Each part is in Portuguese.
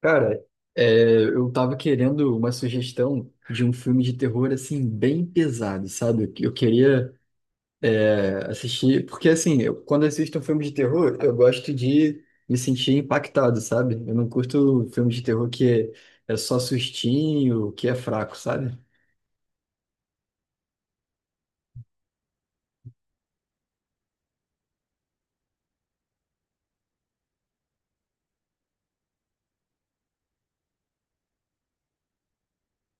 Cara, eu tava querendo uma sugestão de um filme de terror, assim, bem pesado, sabe? Eu queria, assistir, porque, assim, quando assisto um filme de terror, eu gosto de me sentir impactado, sabe? Eu não curto filme de terror que é só sustinho, que é fraco, sabe?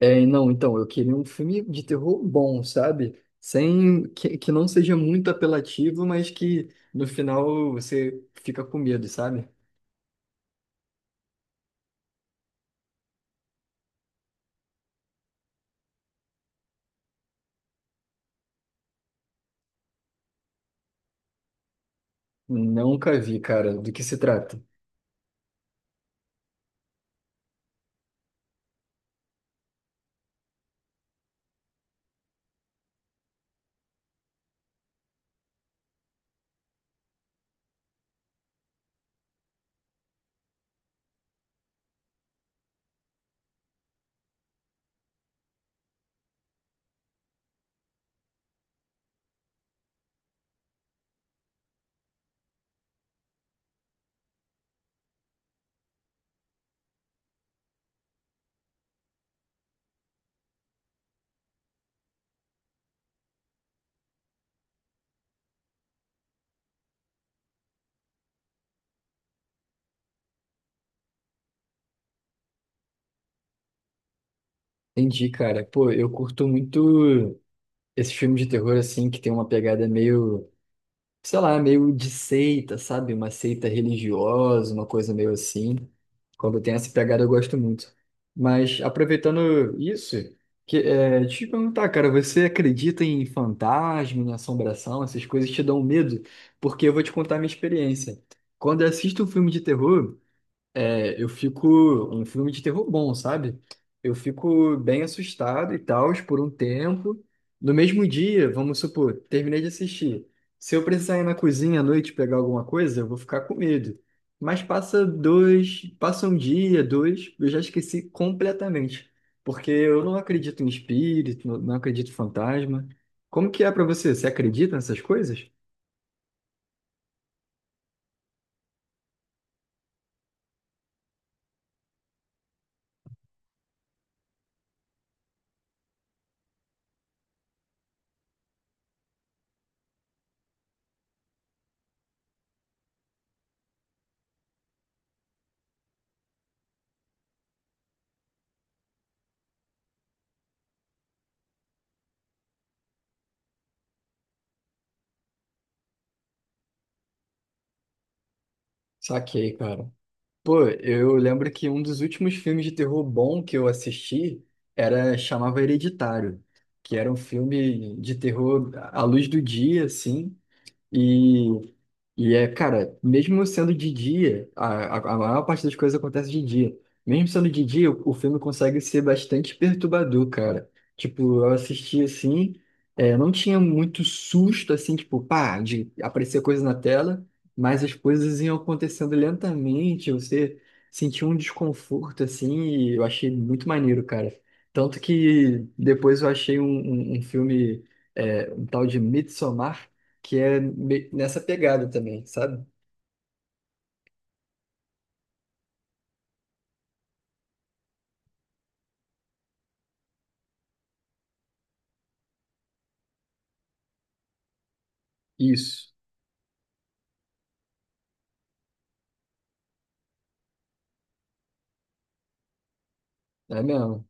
Não, então, eu queria um filme de terror bom, sabe? Sem, que não seja muito apelativo, mas que no final você fica com medo, sabe? Nunca vi, cara. Do que se trata? Entendi, cara. Pô, eu curto muito esses filmes de terror, assim, que tem uma pegada meio, sei lá, meio de seita, sabe? Uma seita religiosa, uma coisa meio assim. Quando tem essa pegada, eu gosto muito. Mas, aproveitando isso, deixa eu te perguntar, cara, você acredita em fantasma, em assombração, essas coisas te dão medo? Porque eu vou te contar a minha experiência. Quando eu assisto um filme de terror, eu fico. Um filme de terror bom, sabe? Eu fico bem assustado e tal, por um tempo. No mesmo dia, vamos supor, terminei de assistir. Se eu precisar ir na cozinha à noite pegar alguma coisa, eu vou ficar com medo. Mas passa dois, passa um dia, dois, eu já esqueci completamente. Porque eu não acredito em espírito, não acredito em fantasma. Como que é pra você? Você acredita nessas coisas? Saquei, cara. Pô, eu lembro que um dos últimos filmes de terror bom que eu assisti era chamava Hereditário, que era um filme de terror à luz do dia, assim, e, cara, mesmo sendo de dia, a maior parte das coisas acontece de dia. Mesmo sendo de dia, o filme consegue ser bastante perturbador, cara. Tipo, eu assisti assim, não tinha muito susto, assim, tipo, pá, de aparecer coisa na tela, mas as coisas iam acontecendo lentamente, você sentia um desconforto, assim, e eu achei muito maneiro, cara. Tanto que depois eu achei um filme, um tal de Midsommar, que é nessa pegada também, sabe? Isso. É mesmo.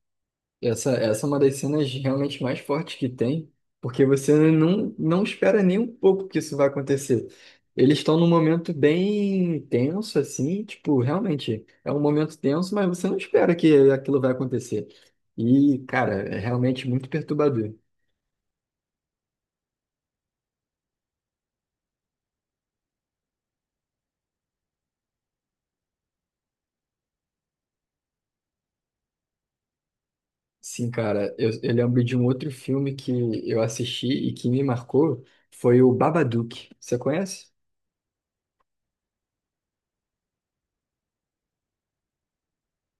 Essa é uma das cenas realmente mais fortes que tem, porque você não espera nem um pouco que isso vai acontecer. Eles estão num momento bem tenso, assim, tipo, realmente é um momento tenso, mas você não espera que aquilo vai acontecer. E, cara, é realmente muito perturbador. Sim, cara, eu lembro de um outro filme que eu assisti e que me marcou, foi o Babadook. Você conhece?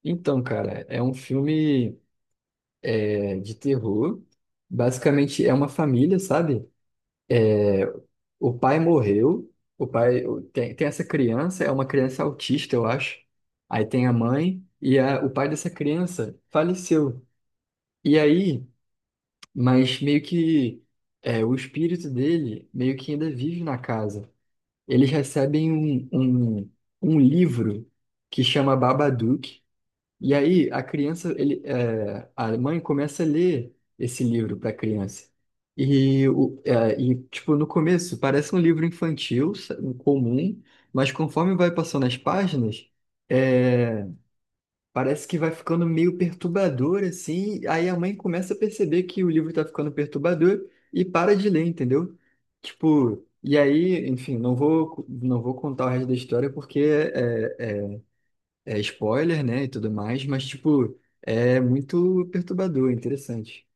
Então, cara, é um filme de terror. Basicamente é uma família, sabe? O pai morreu, tem essa criança, é uma criança autista, eu acho. Aí tem a mãe e o pai dessa criança faleceu. E aí, mas meio que o espírito dele meio que ainda vive na casa. Eles recebem um, um livro que chama Babadook. E aí a criança, a mãe começa a ler esse livro para a criança. E, tipo, no começo parece um livro infantil, comum, mas conforme vai passando as páginas, é, parece que vai ficando meio perturbador, assim. Aí a mãe começa a perceber que o livro está ficando perturbador e para de ler, entendeu? Tipo, e aí, enfim, não vou contar o resto da história porque é spoiler, né, e tudo mais, mas, tipo, é muito perturbador, interessante.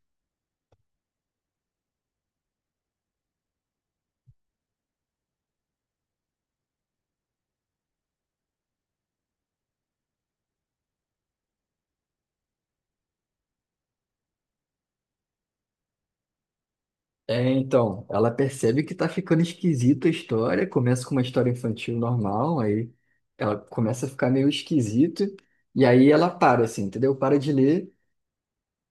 É, então, ela percebe que tá ficando esquisita a história, começa com uma história infantil normal, aí ela começa a ficar meio esquisito, e aí ela para, assim, entendeu? Para de ler,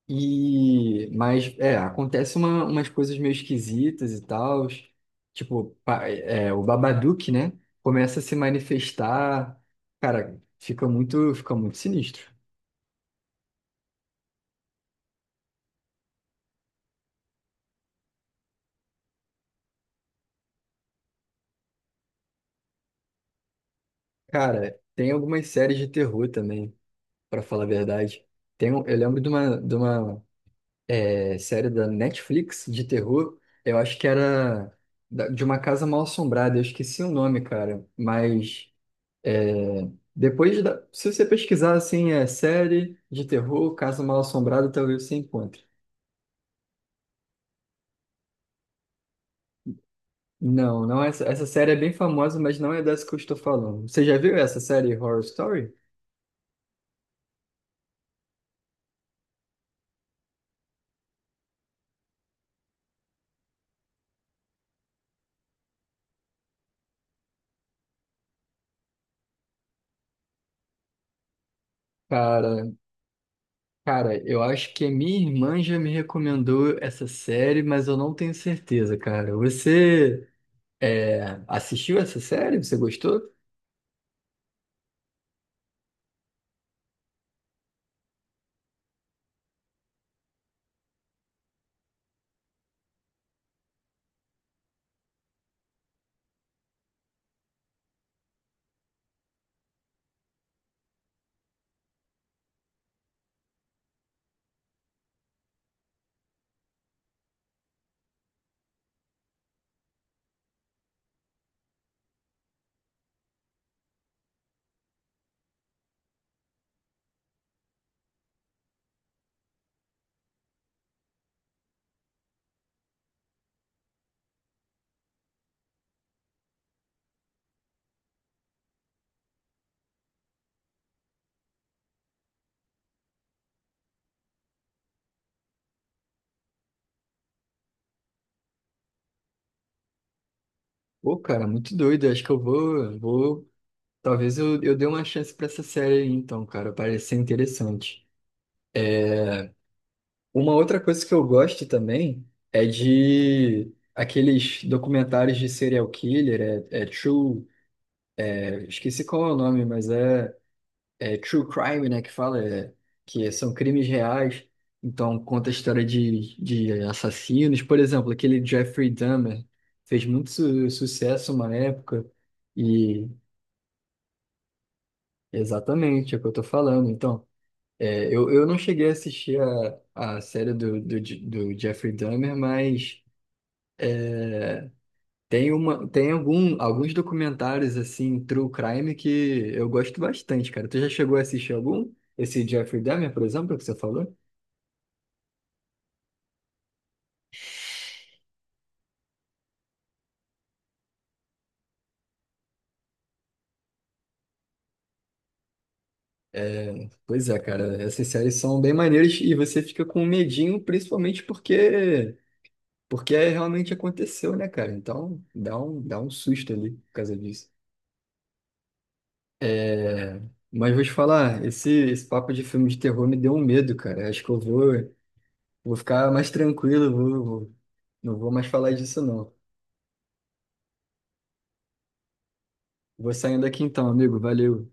e... Mas, é, acontece umas coisas meio esquisitas e tal, tipo, o Babadook, né, começa a se manifestar, cara, fica muito sinistro. Cara, tem algumas séries de terror também, pra falar a verdade. Eu lembro de uma série da Netflix de terror, eu acho que era de uma casa mal-assombrada, eu esqueci o nome, cara. Mas é, depois, se você pesquisar assim, é série de terror, casa mal-assombrada, talvez você encontre. Não, não, essa série é bem famosa, mas não é dessa que eu estou falando. Você já viu essa série Horror Story? Cara, Cara, eu acho que a minha irmã já me recomendou essa série, mas eu não tenho certeza, cara. Você assistiu essa série? Você gostou? Pô, cara, muito doido. Eu acho que eu vou. Talvez eu dê uma chance pra essa série aí, então, cara. Parece ser interessante. Uma outra coisa que eu gosto também é de aqueles documentários de serial killer, esqueci qual é o nome, mas é true crime, né, que fala, que são crimes reais, então conta a história de assassinos, por exemplo, aquele Jeffrey Dahmer fez muito sucesso uma época e exatamente é o que eu tô falando, então, eu não cheguei a assistir a série do Jeffrey Dahmer, mas é, tem uma, tem algum, alguns documentários, assim, true crime que eu gosto bastante, cara, tu já chegou a assistir algum? Esse Jeffrey Dahmer, por exemplo, que você falou? É, pois é, cara, essas séries são bem maneiras e você fica com medinho, principalmente porque é realmente aconteceu, né, cara? Então dá um susto ali por causa disso. É, Mas vou te falar, esse papo de filme de terror me deu um medo, cara. Acho que eu vou ficar mais tranquilo, não vou mais falar disso, não. Vou saindo aqui então, amigo. Valeu.